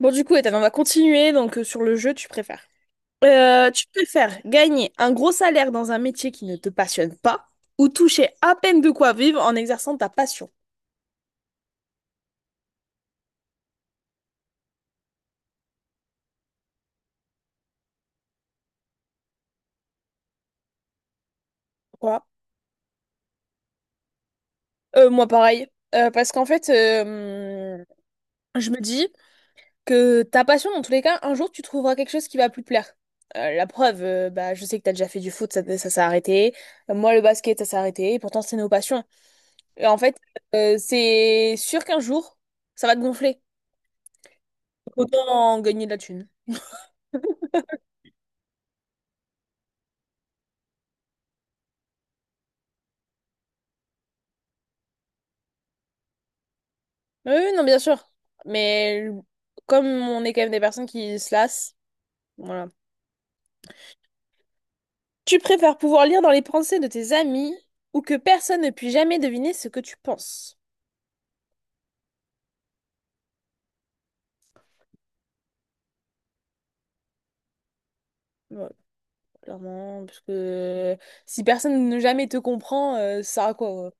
Bon, du coup, Ethan, on va continuer donc sur le jeu, tu préfères. Tu préfères gagner un gros salaire dans un métier qui ne te passionne pas ou toucher à peine de quoi vivre en exerçant ta passion. Quoi? Moi, pareil. Parce qu'en fait, je me dis que ta passion, dans tous les cas, un jour, tu trouveras quelque chose qui va plus te plaire. La preuve, bah, je sais que t'as déjà fait du foot, ça s'est arrêté. Moi, le basket, ça s'est arrêté. Et pourtant, c'est nos passions. Et en fait, c'est sûr qu'un jour, ça va te gonfler. Autant gagner de la thune. Oui, oui, non, bien sûr. Mais comme on est quand même des personnes qui se lassent, voilà. Tu préfères pouvoir lire dans les pensées de tes amis ou que personne ne puisse jamais deviner ce que tu penses? Ouais, clairement, parce que si personne ne jamais te comprend, ça a quoi?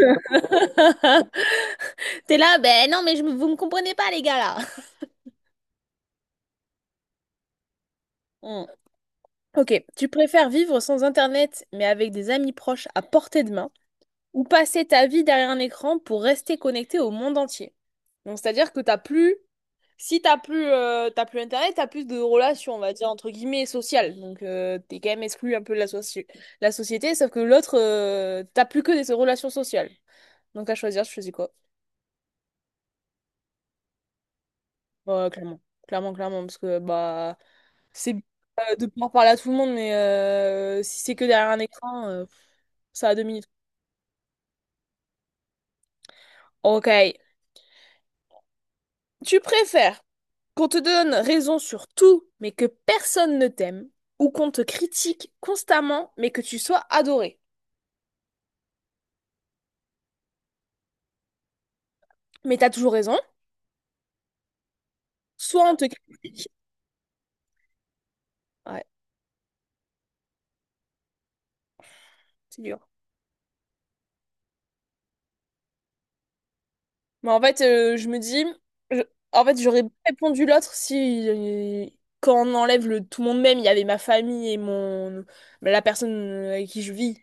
Quoi. T'es là, ben non, mais vous me comprenez pas, les gars, là. Hmm. Ok, tu préfères vivre sans Internet mais avec des amis proches à portée de main ou passer ta vie derrière un écran pour rester connecté au monde entier? Donc, c'est-à-dire que t'as plus si t'as plus, t'as plus internet, t'as plus de relations, on va dire, entre guillemets, sociales. Donc, t'es quand même exclu un peu de la société, sauf que l'autre, t'as plus que des relations sociales. Donc, à choisir, je choisis quoi? Ouais, clairement. Clairement, clairement, parce que, bah, c'est bien, de pouvoir parler à tout le monde, mais si c'est que derrière un écran, ça a deux minutes. Ok. Tu préfères qu'on te donne raison sur tout, mais que personne ne t'aime, ou qu'on te critique constamment, mais que tu sois adoré? Mais t'as toujours raison. Soit on te critique. Ouais, c'est dur. Mais en fait, je me dis, je- en fait, j'aurais répondu l'autre si, quand on enlève le tout le monde même, il y avait ma famille et mon la personne avec qui je vis.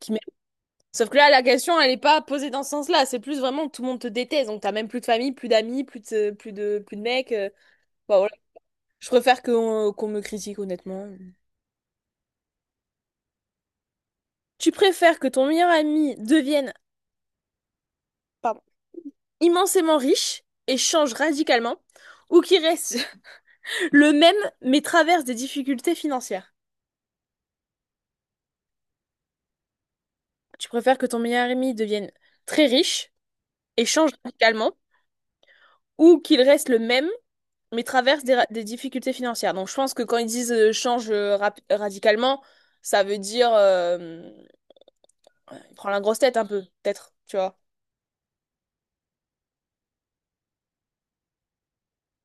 Qui m'aime. Sauf que là, la question, elle n'est pas posée dans ce sens-là. C'est plus vraiment tout le monde te déteste. Donc, t'as même plus de famille, plus d'amis, plus de mecs. Bah, voilà. Je préfère qu'on me critique, honnêtement. Tu préfères que ton meilleur ami devienne, pardon, immensément riche et change radicalement ou qu'il reste le même, mais traverse des difficultés financières. Tu préfères que ton meilleur ami devienne très riche et change radicalement, ou qu'il reste le même, mais traverse des difficultés financières. Donc je pense que quand ils disent change radicalement, ça veut dire il prend la grosse tête un peu, peut-être, tu vois.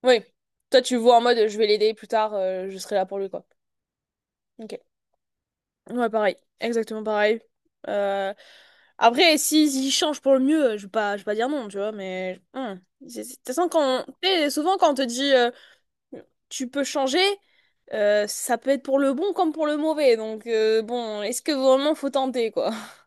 Oui. Toi, tu vois en mode je vais l'aider plus tard, je serai là pour lui, quoi. Ok. Ouais, pareil. Exactement pareil. Euh, Après, si, s'ils changent pour le mieux, je vais pas dire non, tu vois, mais.... De toute façon, quand, tu sais, souvent, quand on te dit tu peux changer, ça peut être pour le bon comme pour le mauvais. Donc, bon, est-ce que vraiment faut tenter, quoi?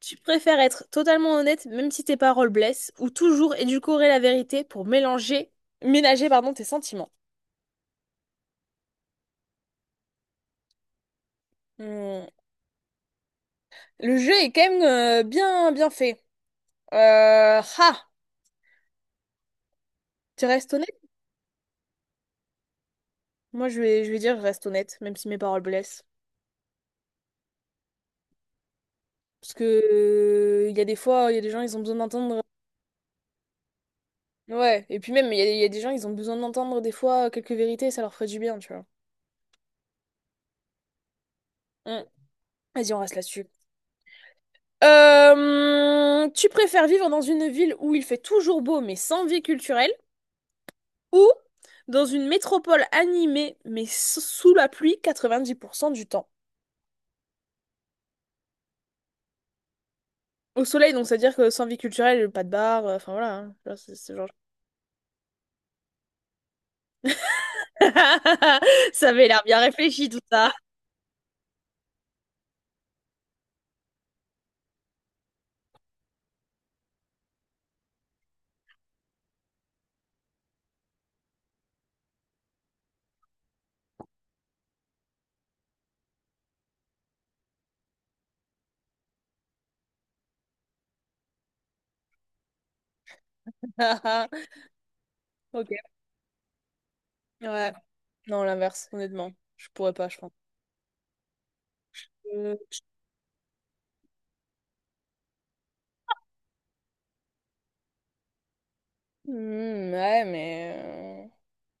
Tu préfères être totalement honnête, même si tes paroles blessent, ou toujours édulcorer la vérité pour mélanger, ménager, pardon, tes sentiments. Hmm. Le jeu est quand même bien, bien fait. Euh, ah, tu restes. Moi, je vais dire, je reste honnête, même si mes paroles blessent. Parce que il y a des fois, il y a des gens, ils ont besoin d'entendre. Ouais, et puis même, il y a des gens, ils ont besoin d'entendre des fois quelques vérités, ça leur ferait du bien, tu vois. Mm. Vas-y, on reste là-dessus. Tu préfères vivre dans une ville où il fait toujours beau, mais sans vie culturelle, ou dans une métropole animée, mais sous la pluie 90% du temps? Au soleil, donc, c'est-à-dire que sans vie culturelle, pas de bar, enfin voilà, hein. Tu vois, c'est ce genre. Ça avait l'air bien réfléchi, tout ça. Ah, ah, ok. Ouais. Non, l'inverse, honnêtement. Je pourrais pas, je pense. Euh, hmm, ouais, mais...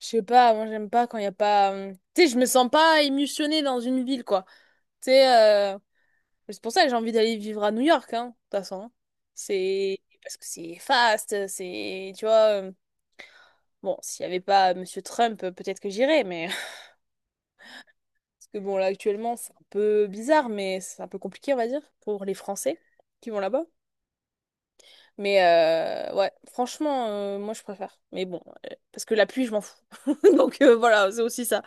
je sais pas, moi j'aime pas quand il y a pas... tu sais, je me sens pas émotionnée dans une ville, quoi. Tu sais, euh, c'est pour ça que j'ai envie d'aller vivre à New York, hein, de toute façon. Hein. C'est... Parce que c'est fast, c'est... Tu vois... bon, s'il y avait pas Monsieur Trump, peut-être que j'irais, mais... Parce que bon, là, actuellement, c'est un peu bizarre, mais c'est un peu compliqué, on va dire, pour les Français qui vont là-bas. Mais ouais, franchement, moi je préfère. Mais bon, parce que la pluie, je m'en fous. Donc voilà, c'est aussi ça.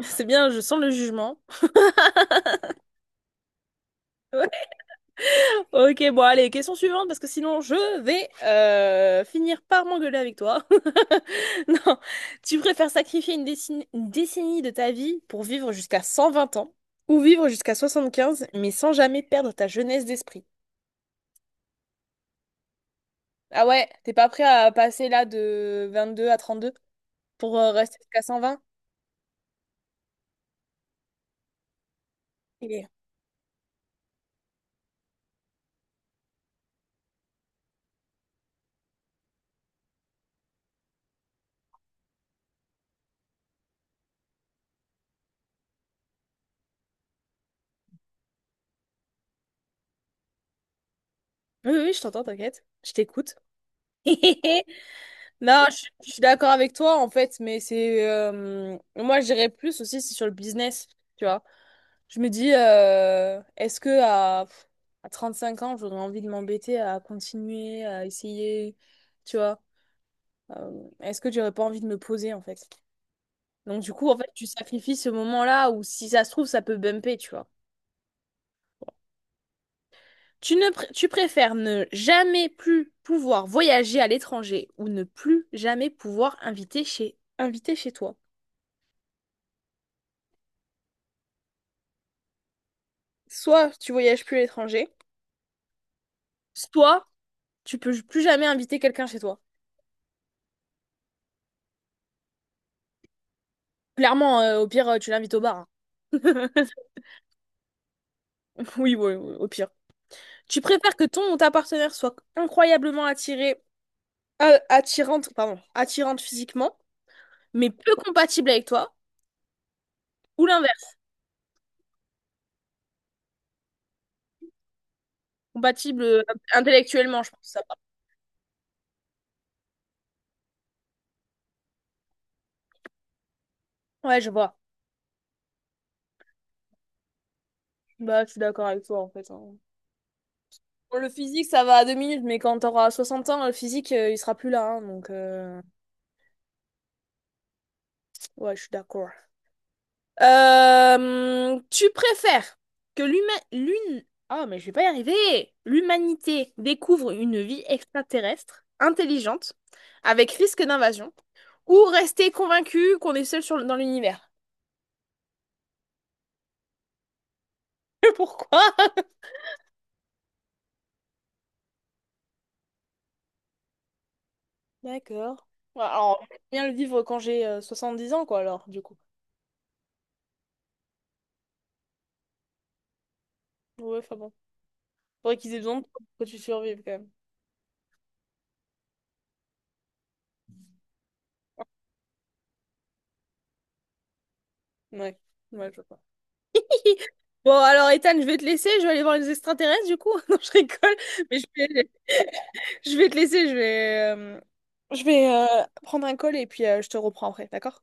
C'est bien, je sens le jugement. Ok, bon, allez, question suivante, parce que sinon je vais finir par m'engueuler avec toi. Non, tu préfères sacrifier une décennie de ta vie pour vivre jusqu'à 120 ans ou vivre jusqu'à 75 mais sans jamais perdre ta jeunesse d'esprit? Ah ouais, t'es pas prêt à passer là de 22 à 32 pour rester jusqu'à 120? Oui, oui, oui, je t'entends, t'inquiète. Je t'écoute. Non, je suis d'accord avec toi, en fait, mais c'est... moi, je dirais plus aussi, c'est sur le business, tu vois. Je me dis, est-ce que à 35 ans, j'aurais envie de m'embêter à continuer, à essayer, tu vois? Est-ce que j'aurais pas envie de me poser, en fait? Donc, du coup, en fait, tu sacrifies ce moment-là où, si ça se trouve, ça peut bumper, tu vois. Tu préfères ne jamais plus pouvoir voyager à l'étranger ou ne plus jamais pouvoir inviter chez toi. Soit tu voyages plus à l'étranger, soit tu peux plus jamais inviter quelqu'un chez toi. Clairement, au pire, tu l'invites au bar. Hein. Oui, oui, oui, au pire. Tu préfères que ton ou ta partenaire soit incroyablement attiré attirante, pardon, attirante physiquement, mais peu compatible avec toi, ou l'inverse, compatible intellectuellement, je pense que ça. Parle. Ouais, je vois. Bah, je suis d'accord avec toi, en fait. Hein. Bon, le physique, ça va à deux minutes, mais quand t'auras 60 ans, le physique, il sera plus là. Hein, donc, ouais, je suis d'accord. Tu préfères que l'humain, l'une, oh, mais je vais pas y arriver. L'humanité découvre une vie extraterrestre, intelligente, avec risque d'invasion, ou rester convaincu qu'on est seul sur... dans l'univers? Pourquoi? D'accord. Ouais, alors, je vais bien le vivre quand j'ai 10 ans, quoi, alors, du coup. Ouais, enfin bon. Faudrait qu'ils aient besoin de toi pour que tu survives, quand même. Ouais, ouais, je vois. Bon, alors Ethan, je vais te laisser, je vais aller voir les extraterrestres du coup. Non, je rigole, mais je vais te laisser, je vais prendre un col et puis je te reprends après, d'accord?